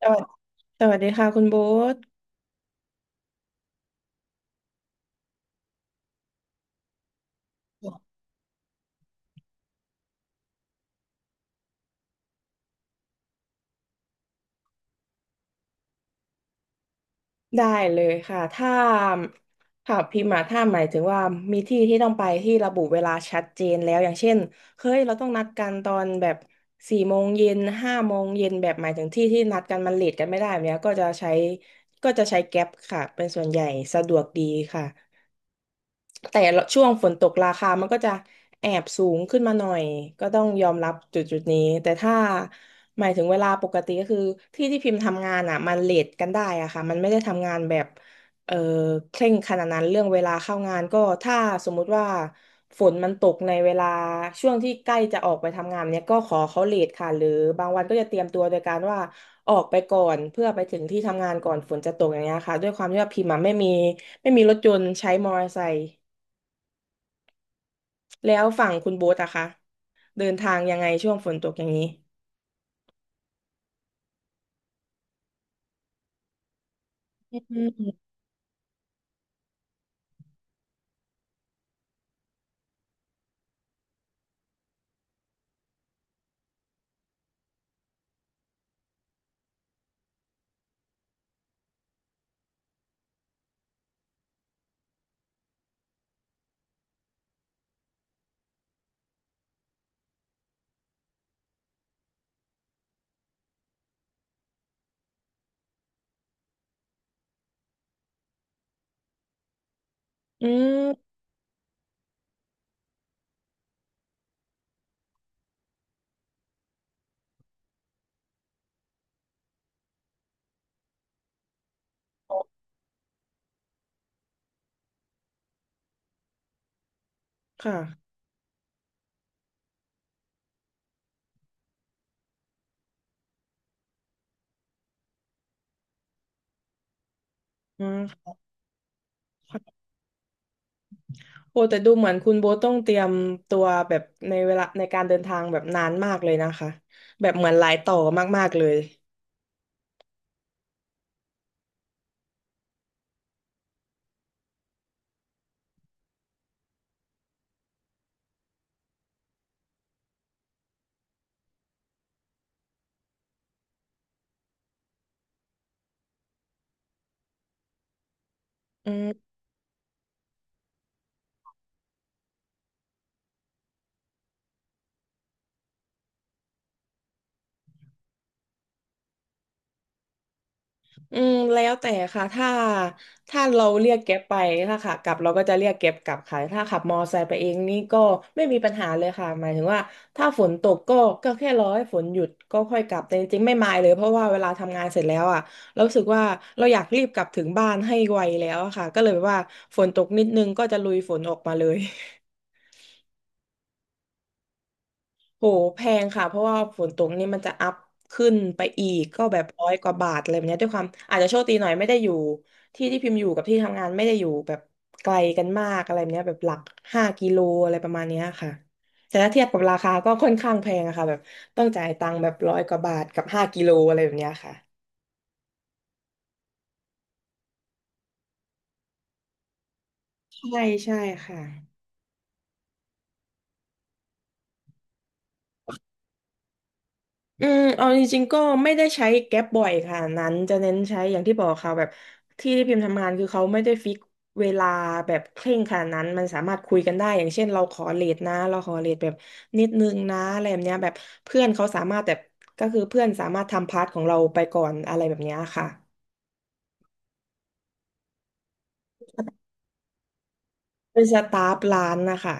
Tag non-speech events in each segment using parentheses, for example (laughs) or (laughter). สวัสสวัสดีค่ะคุณโบ๊ทได้เลยค่ะถ้าถามพิมพ์มาถ้าหมายถึงว่ามีที่ที่ต้องไปที่ระบุเวลาชัดเจนแล้วอย่างเช่นเฮ้ยเราต้องนัดกันตอนแบบ4 โมงเย็น5 โมงเย็นแบบหมายถึงที่ที่นัดกันมันเลทกันไม่ได้แบบเนี้ยก็จะใช้แก๊ปค่ะเป็นส่วนใหญ่สะดวกดีค่ะ แต่ช่วงฝนตกราคามันก็จะแอบสูงขึ้นมาหน่อยก็ต้องยอมรับจุดนี้แต่ถ้าหมายถึงเวลาปกติก็คือที่ที่พิมพ์ทำงานอ่ะมันเลทกันได้อะค่ะมันไม่ได้ทำงานแบบเออเคร่งขนาดนั้นเรื่องเวลาเข้างานก็ถ้าสมมุติว่าฝนมันตกในเวลาช่วงที่ใกล้จะออกไปทำงานเนี่ยก็ขอเขาเลทค่ะหรือบางวันก็จะเตรียมตัวโดยการว่าออกไปก่อนเพื่อไปถึงที่ทำงานก่อนฝนจะตกอย่างเงี้ยค่ะด้วยความที่ว่าพิมพ์อะไม่มีรถยนต์ใช้มอเตอร์ไซค์ แล้วฝั่งคุณโบ๊ทอะคะเดินทางยังไงช่วงฝนตกอย่างนี้อืมอืมค่ะอืมโอ้แต่ดูเหมือนคุณโบ๊ทต้องเตรียมตัวแบบในเวลาในการเดินทางแบบนานมากเลยนะคะแบบเหมือนหลายต่อมากๆเลยอื อืมแล้วแต่ค่ะถ้าเราเรียกแก๊ปไปถ้าขากลับเราก็จะเรียกแก๊ปกลับค่ะถ้าขับมอไซค์ไปเองนี่ก็ไม่มีปัญหาเลยค่ะหมายถึงว่าถ้าฝนตกก็แค่รอให้ฝนหยุดก็ค่อยกลับแต่จริงๆไม่มายเลยเพราะว่าเวลาทำงานเสร็จแล้วอ่ะเรารู้สึกว่าเราอยากรีบกลับถึงบ้านให้ไวแล้วอะค่ะก็เลยแบบว่าฝนตกนิดนึงก็จะลุยฝนออกมาเลย โหแพงค่ะเพราะว่าฝนตกนี่มันจะอัพขึ้นไปอีกก็แบบร้อยกว่าบาทอะไรแบบเนี้ยด้วยความอาจจะโชคดีหน่อยไม่ได้อยู่ที่ที่พิมพ์อยู่กับที่ทำงานไม่ได้อยู่แบบไกลกันมากอะไรแบบเนี้ยแบบหลักห้ากิโลอะไรประมาณเนี้ยค่ะแต่ถ้าเทียบกับราคาก็ค่อนข้างแพงอะค่ะแบบต้องจ่ายตังค์แบบร้อยกว่าบาทกับห้ากิโลอะไรแบบเนี้ยค่ะใช่ใช่ค่ะ อืมเอาจริงๆก็ไม่ได้ใช้แก๊ปบ่อยค่ะนั้นจะเน้นใช้อย่างที่บอกค่ะแบบที่ที่พิมพ์ทำงานคือเขาไม่ได้ฟิกเวลาแบบเคร่งขนาดนั้นมันสามารถคุยกันได้อย่างเช่นเราขอเลทนะเราขอเลทแบบนิดนึงนะอะไรแบบเนี้ยแบบเพื่อนเขาสามารถแบบก็คือเพื่อนสามารถทำพาร์ทของเราไปก่อนอะไรแบบเนี้ยค่ะเป็นสตาฟร้านนะคะ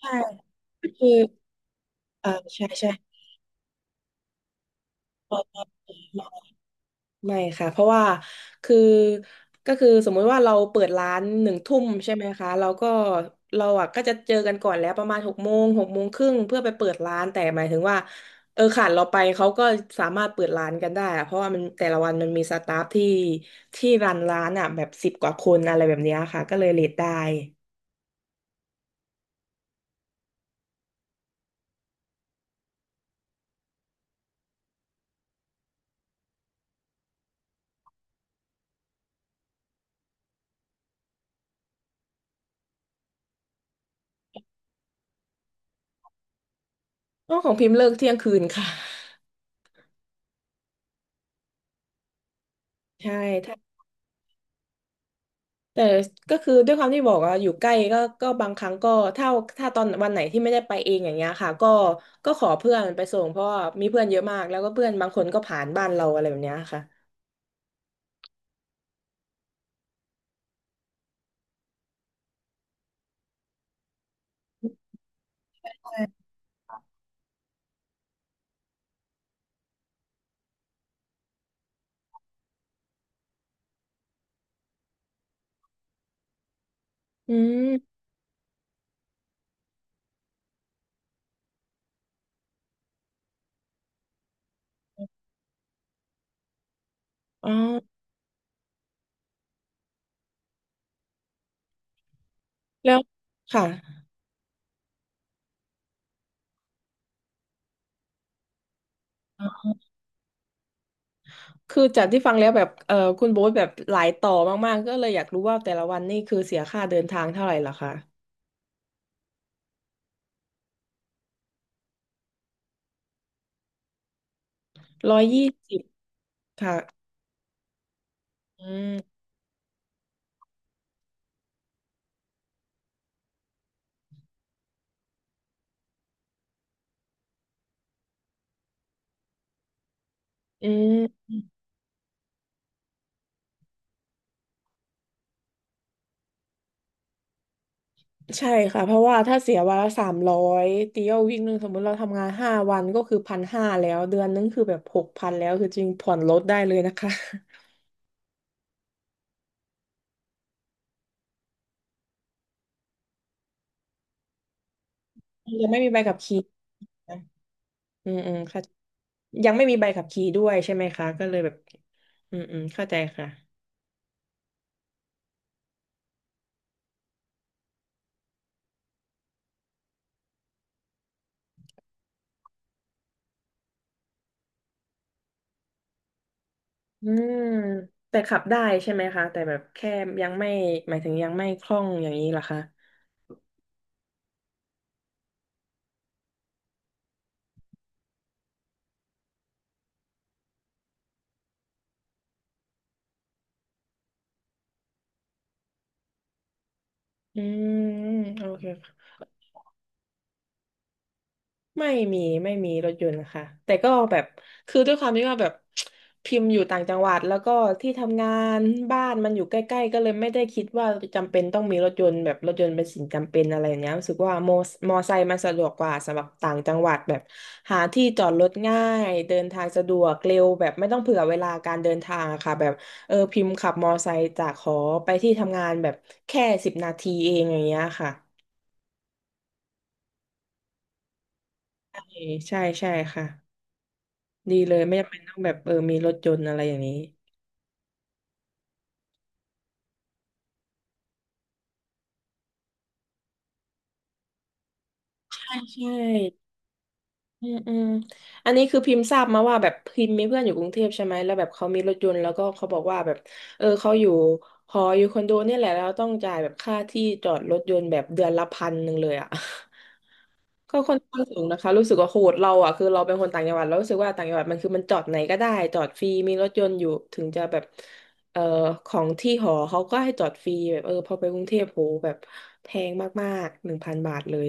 ใช่คือเออใช่ใช่ ไม่ค่ะเพราะว่าคือก็คือสมมุติว่าเราเปิดร้าน1 ทุ่มใช่ไหมคะเราก็เราอ่ะก็จะเจอกันก่อนแล้วประมาณหกโมง6 โมงครึ่งเพื่อไปเปิดร้านแต่หมายถึงว่าเออขาดเราไปเขาก็สามารถเปิดร้านกันได้อะเพราะว่ามันแต่ละวันมันมีสตาฟที่ที่รันร้านอ่ะแบบ10 กว่าคนอะไรแบบเนี้ยค่ะก็เลยเลทได้อ๋อของพิมพ์เลิกเที่ยงคืนค่ะ (laughs) ใช่ แต่ก็คือด้วยความที่บอกว่าอยู่ใกล้ก็ก็บางครั้งก็ถ้าถ้าตอนวันไหนที่ไม่ได้ไปเองอย่างเงี้ยค่ะก็ขอเพื่อนไปส่งเพราะว่ามีเพื่อนเยอะมากแล้วก็เพื่อนบางคนก็ผ่านบ้านเราอะไรแบบเนี้ยค่ะอืมอ๋อแล้วค่ะคือจากที่ฟังแล้วแบบเออคุณโบ๊ทแบบหลายต่อมากๆก็เลยอยากรู้ว่าแต่ละวันนี่คือเสียค่าเดินทางเท่าไหร่ล่ะคะ120ค่ะอืมอืม ใช่ค่ะเพราะว่าถ้าเสียวันละ300ตีเอาวิ่งหนึ่งสมมุติเราทำงาน5 วันก็คือ1,500แล้วเดือนนึงคือแบบ6,000แล้วคือจริงผ่อนรถได้เลยนะคะ (laughs) ยังไม่มีใบขับขี่นะอืมอืมค่ะยังไม่มีใบขับขี่ด้วยใช่ไหมคะก็เลยแบบอืมอืมเข้าใจค่ะอืมแต่ขับได้ใช่ไหมคะแต่แบบแค่ยังไม่หมายถึงยังไม่คล่องอย่างนี้เหรอคะอืมโอเค ไม่มีไม่มีรถยนต์ค่ะแต่ก็แบบคือด้วยความที่ว่าแบบ (tsk) พิมพ์อยู่ต่างจังหวัดแล้วก็ที่ทำงานบ้านมันอยู่ใกล้ๆก็เลยไม่ได้คิดว่าจำเป็นต้องมีรถยนต์แบบรถยนต์เป็นสิ่งจำเป็นอะไรอย่างเงี้ยรู้สึกว่ามอไซค์มันสะดวกกว่าสำหรับต่างจังหวัดแบบหาที่จอดรถง่ายเดินทางสะดวกเร็วแบบไม่ต้องเผื่อเวลาการเดินทางอะค่ะแบบพิมพ์ขับมอไซค์จากหอไปที่ทำงานแบบแค่10 นาทีเองอย่างเงี้ยค่ะเออใช่ใช่ค่ะ ดีเลยไม่จำเป็นต้องแบบมีรถยนต์อะไรอย่างนี้ใช่ใช่อืมอืมอันนี้คือพิมพ์ทราบมาว่าแบบพิมพ์มีเพื่อนอยู่กรุงเทพใช่ไหมแล้วแบบเขามีรถยนต์แล้วก็เขาบอกว่าแบบเขาอยู่หออยู่คอนโดเนี่ยแหละแล้วต้องจ่ายแบบค่าที่จอดรถยนต์แบบเดือนละพันหนึ่งเลยอ่ะ ก็ค่อนข้างสูงนะคะรู้สึกว่าโหดเราอ่ะคือเราเป็นคนต่างจังหวัดเรารู้สึกว่าต่างจังหวัดมันคือมันจอดไหนก็ได้จอดฟรีมีรถยนต์อยู่ถึงจะแบบเอ่อของที่หอเขาก็ให้จอดฟรีแบบพอไปกรุงเทพโหแบบแพงมากๆ1,000 บาทเลย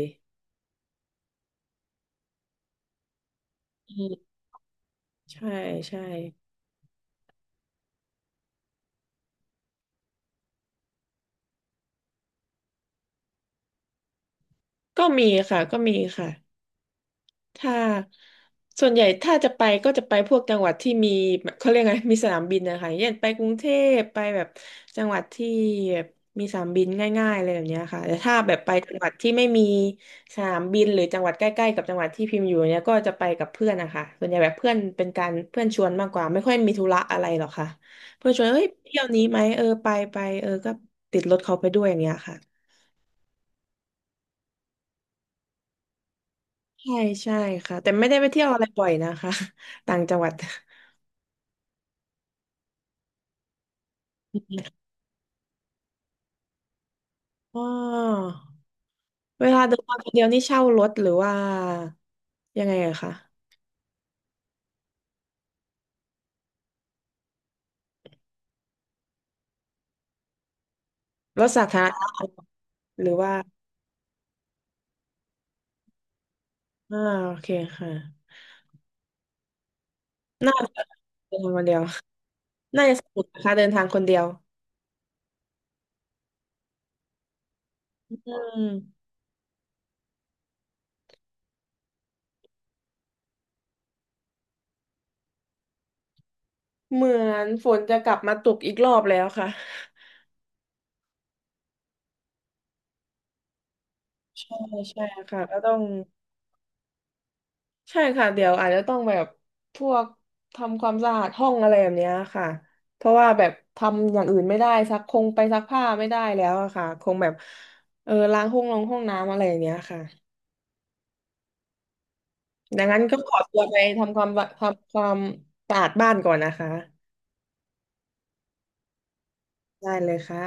อืมใช่ใช่ก็มีค่ะก็มีค่ะ ถ้าส่วนใหญ่ถ้าจะไปก็จะไปพวกจังหวัดที่มีแบบเขาเรียกไงมีสนามบินนะคะอย่างเช่นไปกรุงเทพไปแบบจังหวัดที่แบบมีสนามบินง่ายๆอะไรแบบเนี้ยค่ะแต่ถ้าแบบไปจังหวัดที่ไม่มีสนามบินหรือจังหวัดใกล้ๆกับจังหวัดที่พิมพ์อยู่เนี้ยก็จะไปกับเพื่อนนะคะส่วนใหญ่แบบเพื่อนเป็นการเพื่อนชวนมากกว่าไม่ค่อยมีธุระอะไรหรอกค่ะเพื่อนชวนเฮ้ยเที่ยวนี้ไหมเออไปไปก็ติดรถเขาไปด้วยอย่างเงี้ยค่ะใช่ใช่ค่ะแต่ไม่ได้ไปเที่ยวอะไรบ่อยนะคะ (laughs) ต่างจังหวัด อ๋อเวลาเดินทางคนเดียวนี่เช่ารถหรือว่ายังไงอะคะรถสาธารณะหรือว่าอ่าโอเคค่ะน่าจะเดินทางคนเดียว (laughs) น่าจะสนุกนะคะเดินทางคนเดียวอืมเหมือนฝนจะกลับมาตกอีกรอบแล้วค่ะใช่ใช่ค่ะก็ต้อง ใช่ค่ะเดี๋ยวอาจจะต้องแบบพวกทำความสะอาดห้องอะไรแบบเนี้ยค่ะเพราะว่าแบบทำอย่างอื่นไม่ได้ซักคงไปซักผ้าไม่ได้แล้วอะค่ะคงแบบล้างห้องลงห้องน้ำอะไรอย่างเนี้ยค่ะดังนั้นก็ขอตัวไปทำความสะอาดบ้านก่อนนะคะได้เลยค่ะ